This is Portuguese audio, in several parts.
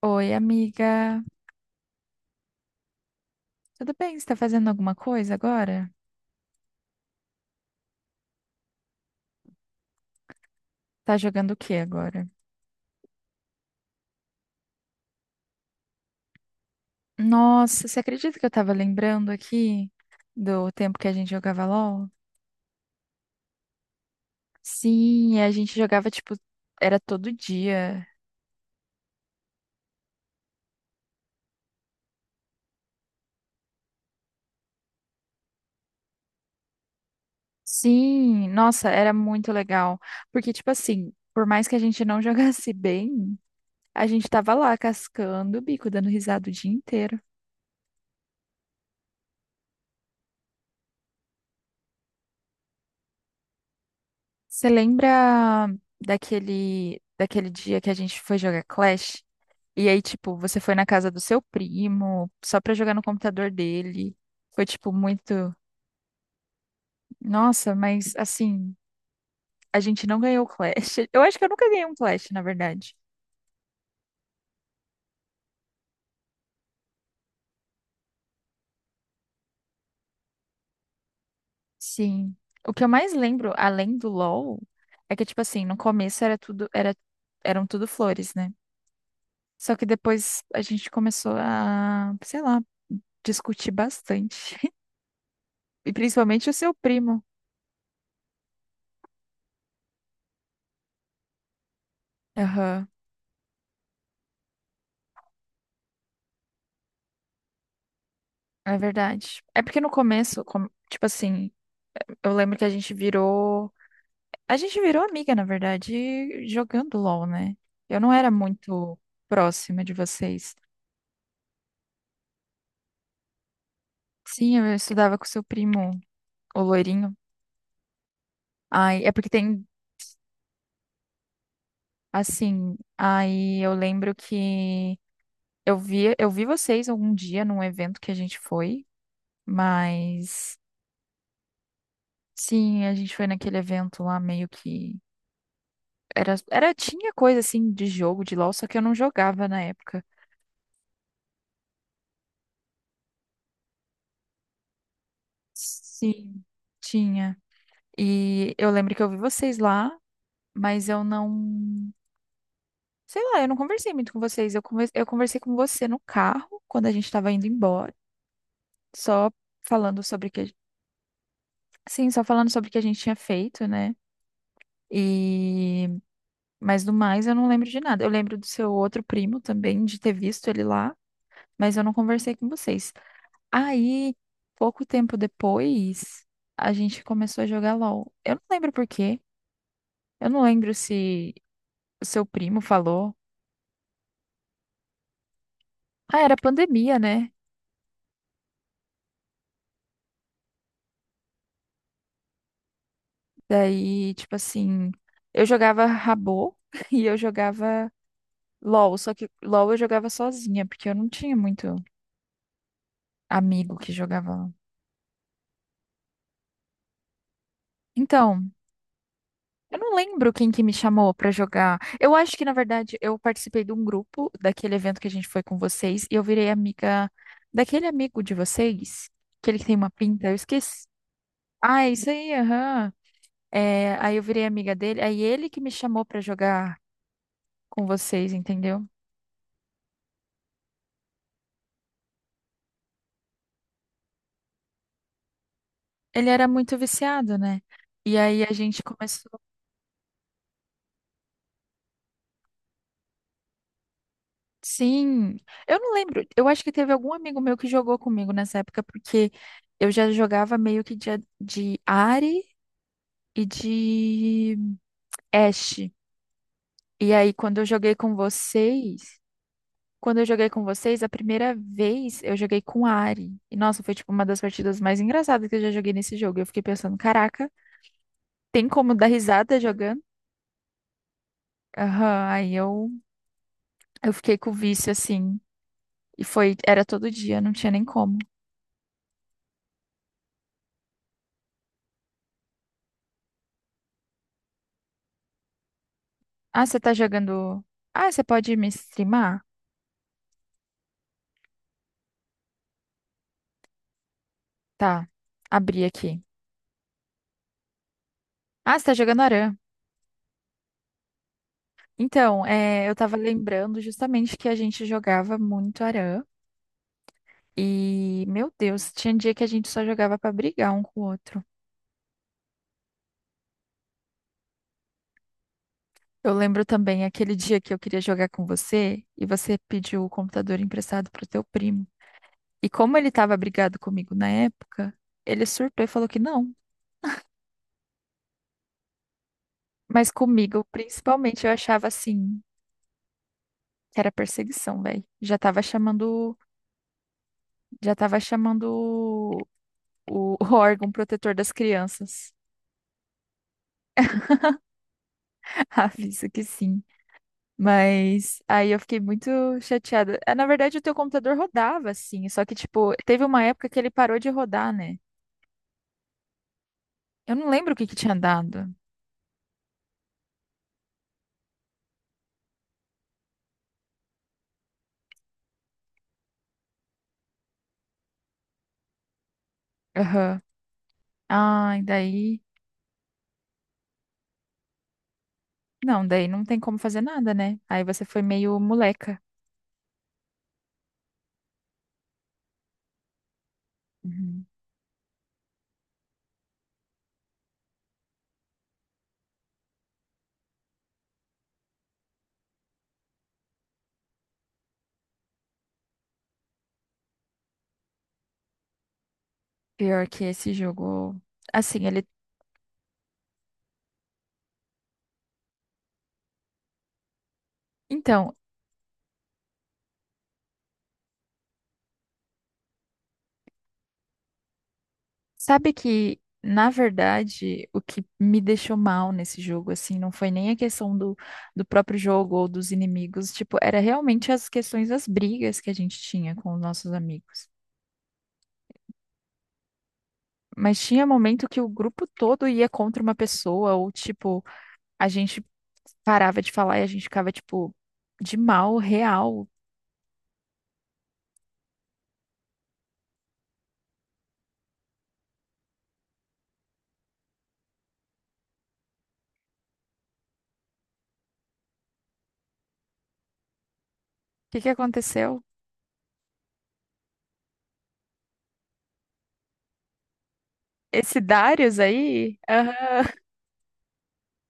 Oi, amiga. Tudo bem? Você tá fazendo alguma coisa agora? Tá jogando o que agora? Nossa, você acredita que eu tava lembrando aqui do tempo que a gente jogava LOL? Sim, a gente jogava tipo, era todo dia. Sim, nossa, era muito legal. Porque, tipo assim, por mais que a gente não jogasse bem, a gente tava lá cascando o bico, dando risada o dia inteiro. Você lembra daquele dia que a gente foi jogar Clash? E aí, tipo, você foi na casa do seu primo só pra jogar no computador dele. Foi, tipo, muito. Nossa, mas assim, a gente não ganhou o Clash. Eu acho que eu nunca ganhei um Clash, na verdade. Sim. O que eu mais lembro, além do LoL, é que, tipo assim, no começo eram tudo flores, né? Só que depois a gente começou a, sei lá, discutir bastante. E principalmente o seu primo. Aham, é verdade. É porque no começo, tipo assim, eu lembro que a gente virou amiga, na verdade, jogando LOL, né? Eu não era muito próxima de vocês. Sim, eu estudava com seu primo, o loirinho. Ai, é porque tem, assim, aí eu lembro que eu vi vocês algum dia num evento que a gente foi, mas sim, a gente foi naquele evento lá meio que era, era tinha coisa assim de jogo de LoL, só que eu não jogava na época. Sim, tinha. E eu lembro que eu vi vocês lá, mas eu não. Sei lá, eu não conversei muito com vocês. Eu conversei com você no carro, quando a gente tava indo embora, só falando sobre o que. Sim, só falando sobre o que a gente tinha feito, né? E. Mas do mais, eu não lembro de nada. Eu lembro do seu outro primo também, de ter visto ele lá, mas eu não conversei com vocês. Aí, pouco tempo depois, a gente começou a jogar LOL. Eu não lembro por quê. Eu não lembro se o seu primo falou. Ah, era pandemia, né? Daí, tipo assim, eu jogava Rabô e eu jogava LOL, só que LOL eu jogava sozinha, porque eu não tinha muito amigo que jogava. Então, eu não lembro quem que me chamou pra jogar. Eu acho que, na verdade, eu participei de um grupo daquele evento que a gente foi com vocês e eu virei amiga daquele amigo de vocês, aquele que tem uma pinta, eu esqueci. Ah, é isso aí, aham. É, aí eu virei amiga dele, aí ele que me chamou pra jogar com vocês, entendeu? Ele era muito viciado, né? E aí a gente começou. Sim, eu não lembro. Eu acho que teve algum amigo meu que jogou comigo nessa época, porque eu já jogava meio que de, Ahri e de Ashe. E aí, quando eu joguei com vocês, a primeira vez eu joguei com Ahri. E nossa, foi tipo uma das partidas mais engraçadas que eu já joguei nesse jogo. Eu fiquei pensando, caraca, tem como dar risada jogando? Aham, aí eu fiquei com o vício assim. E foi, era todo dia, não tinha nem como. Ah, você tá jogando. Ah, você pode me streamar? Tá, abri aqui. Ah, você tá jogando Aran. Então, é, eu tava lembrando justamente que a gente jogava muito Aran. E, meu Deus, tinha dia que a gente só jogava pra brigar um com o outro. Eu lembro também aquele dia que eu queria jogar com você e você pediu o computador emprestado pro teu primo. E como ele tava brigado comigo na época, ele surtou e falou que não. Mas comigo, principalmente, eu achava assim. Era perseguição, velho. Já tava chamando o órgão protetor das crianças. Avisa que sim. Mas aí eu fiquei muito chateada. Ah, na verdade, o teu computador rodava, assim. Só que, tipo, teve uma época que ele parou de rodar, né? Eu não lembro o que que tinha dado. Aham. Ah, e daí. Não, daí não tem como fazer nada, né? Aí você foi meio moleca. Uhum. Pior que esse jogo. Assim, ele. Então, sabe que, na verdade, o que me deixou mal nesse jogo, assim, não foi nem a questão do próprio jogo ou dos inimigos, tipo, era realmente as questões das brigas que a gente tinha com os nossos amigos. Mas tinha momento que o grupo todo ia contra uma pessoa, ou tipo, a gente parava de falar e a gente ficava, tipo, de mal, real. O que que aconteceu? Esse Darius aí? Aham.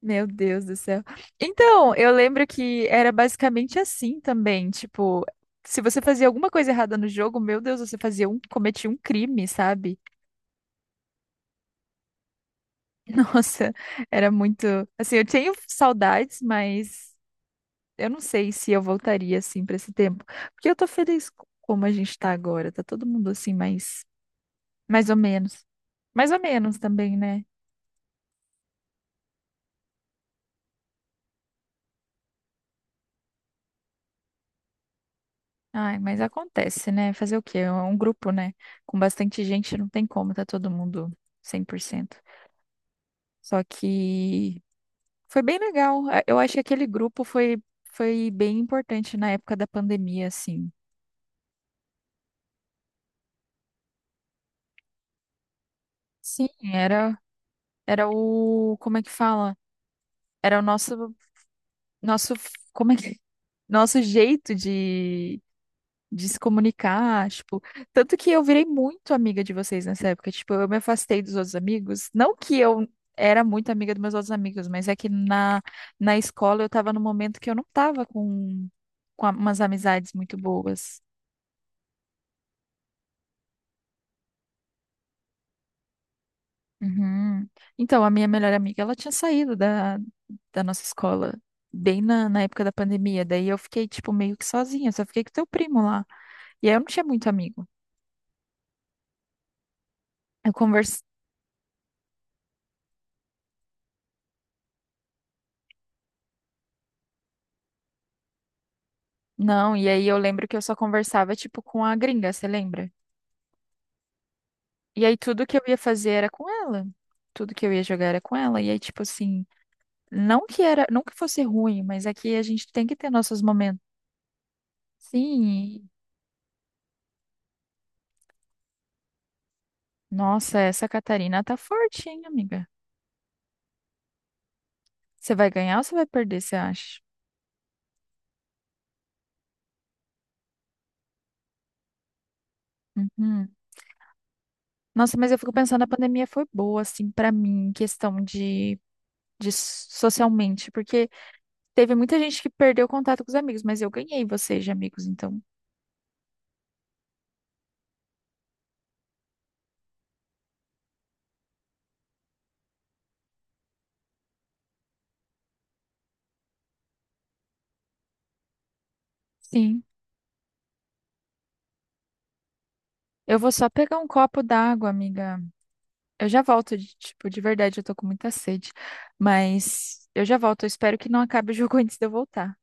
Meu Deus do céu. Então, eu lembro que era basicamente assim também, tipo, se você fazia alguma coisa errada no jogo, meu Deus, cometia um crime, sabe? Nossa, era muito, assim, eu tenho saudades, mas eu não sei se eu voltaria assim pra esse tempo, porque eu tô feliz com como a gente tá agora, tá todo mundo assim mais ou menos. Mais ou menos também, né? Ai, mas acontece, né? Fazer o quê? É um grupo, né? Com bastante gente, não tem como, tá todo mundo 100%. Só que foi bem legal. Eu acho que aquele grupo foi bem importante na época da pandemia, assim. Sim, era, o, como é que fala? Era o nosso, como é que, nosso jeito de se comunicar, tipo, tanto que eu virei muito amiga de vocês nessa época, tipo, eu me afastei dos outros amigos, não que eu era muito amiga dos meus outros amigos, mas é que na, escola eu tava num momento que eu não tava com umas amizades muito boas. Uhum. Então, a minha melhor amiga, ela tinha saído da nossa escola. Bem na época da pandemia, daí eu fiquei, tipo, meio que sozinha, só fiquei com teu primo lá. E aí eu não tinha muito amigo. Eu Não, e aí eu lembro que eu só conversava, tipo, com a gringa, você lembra? E aí tudo que eu ia fazer era com ela. Tudo que eu ia jogar era com ela. E aí, tipo assim, não que fosse ruim, mas aqui a gente tem que ter nossos momentos. Sim, e- nossa, essa Catarina tá forte, hein, amiga? Você vai ganhar ou você vai perder, você acha? Uhum. Nossa, mas eu fico pensando, a pandemia foi boa, assim, pra mim, em questão de, socialmente, porque teve muita gente que perdeu contato com os amigos, mas eu ganhei vocês de amigos, então. Sim. Eu vou só pegar um copo d'água, amiga. Eu já volto, tipo, de verdade, eu tô com muita sede. Mas eu já volto. Eu espero que não acabe o jogo antes de eu voltar.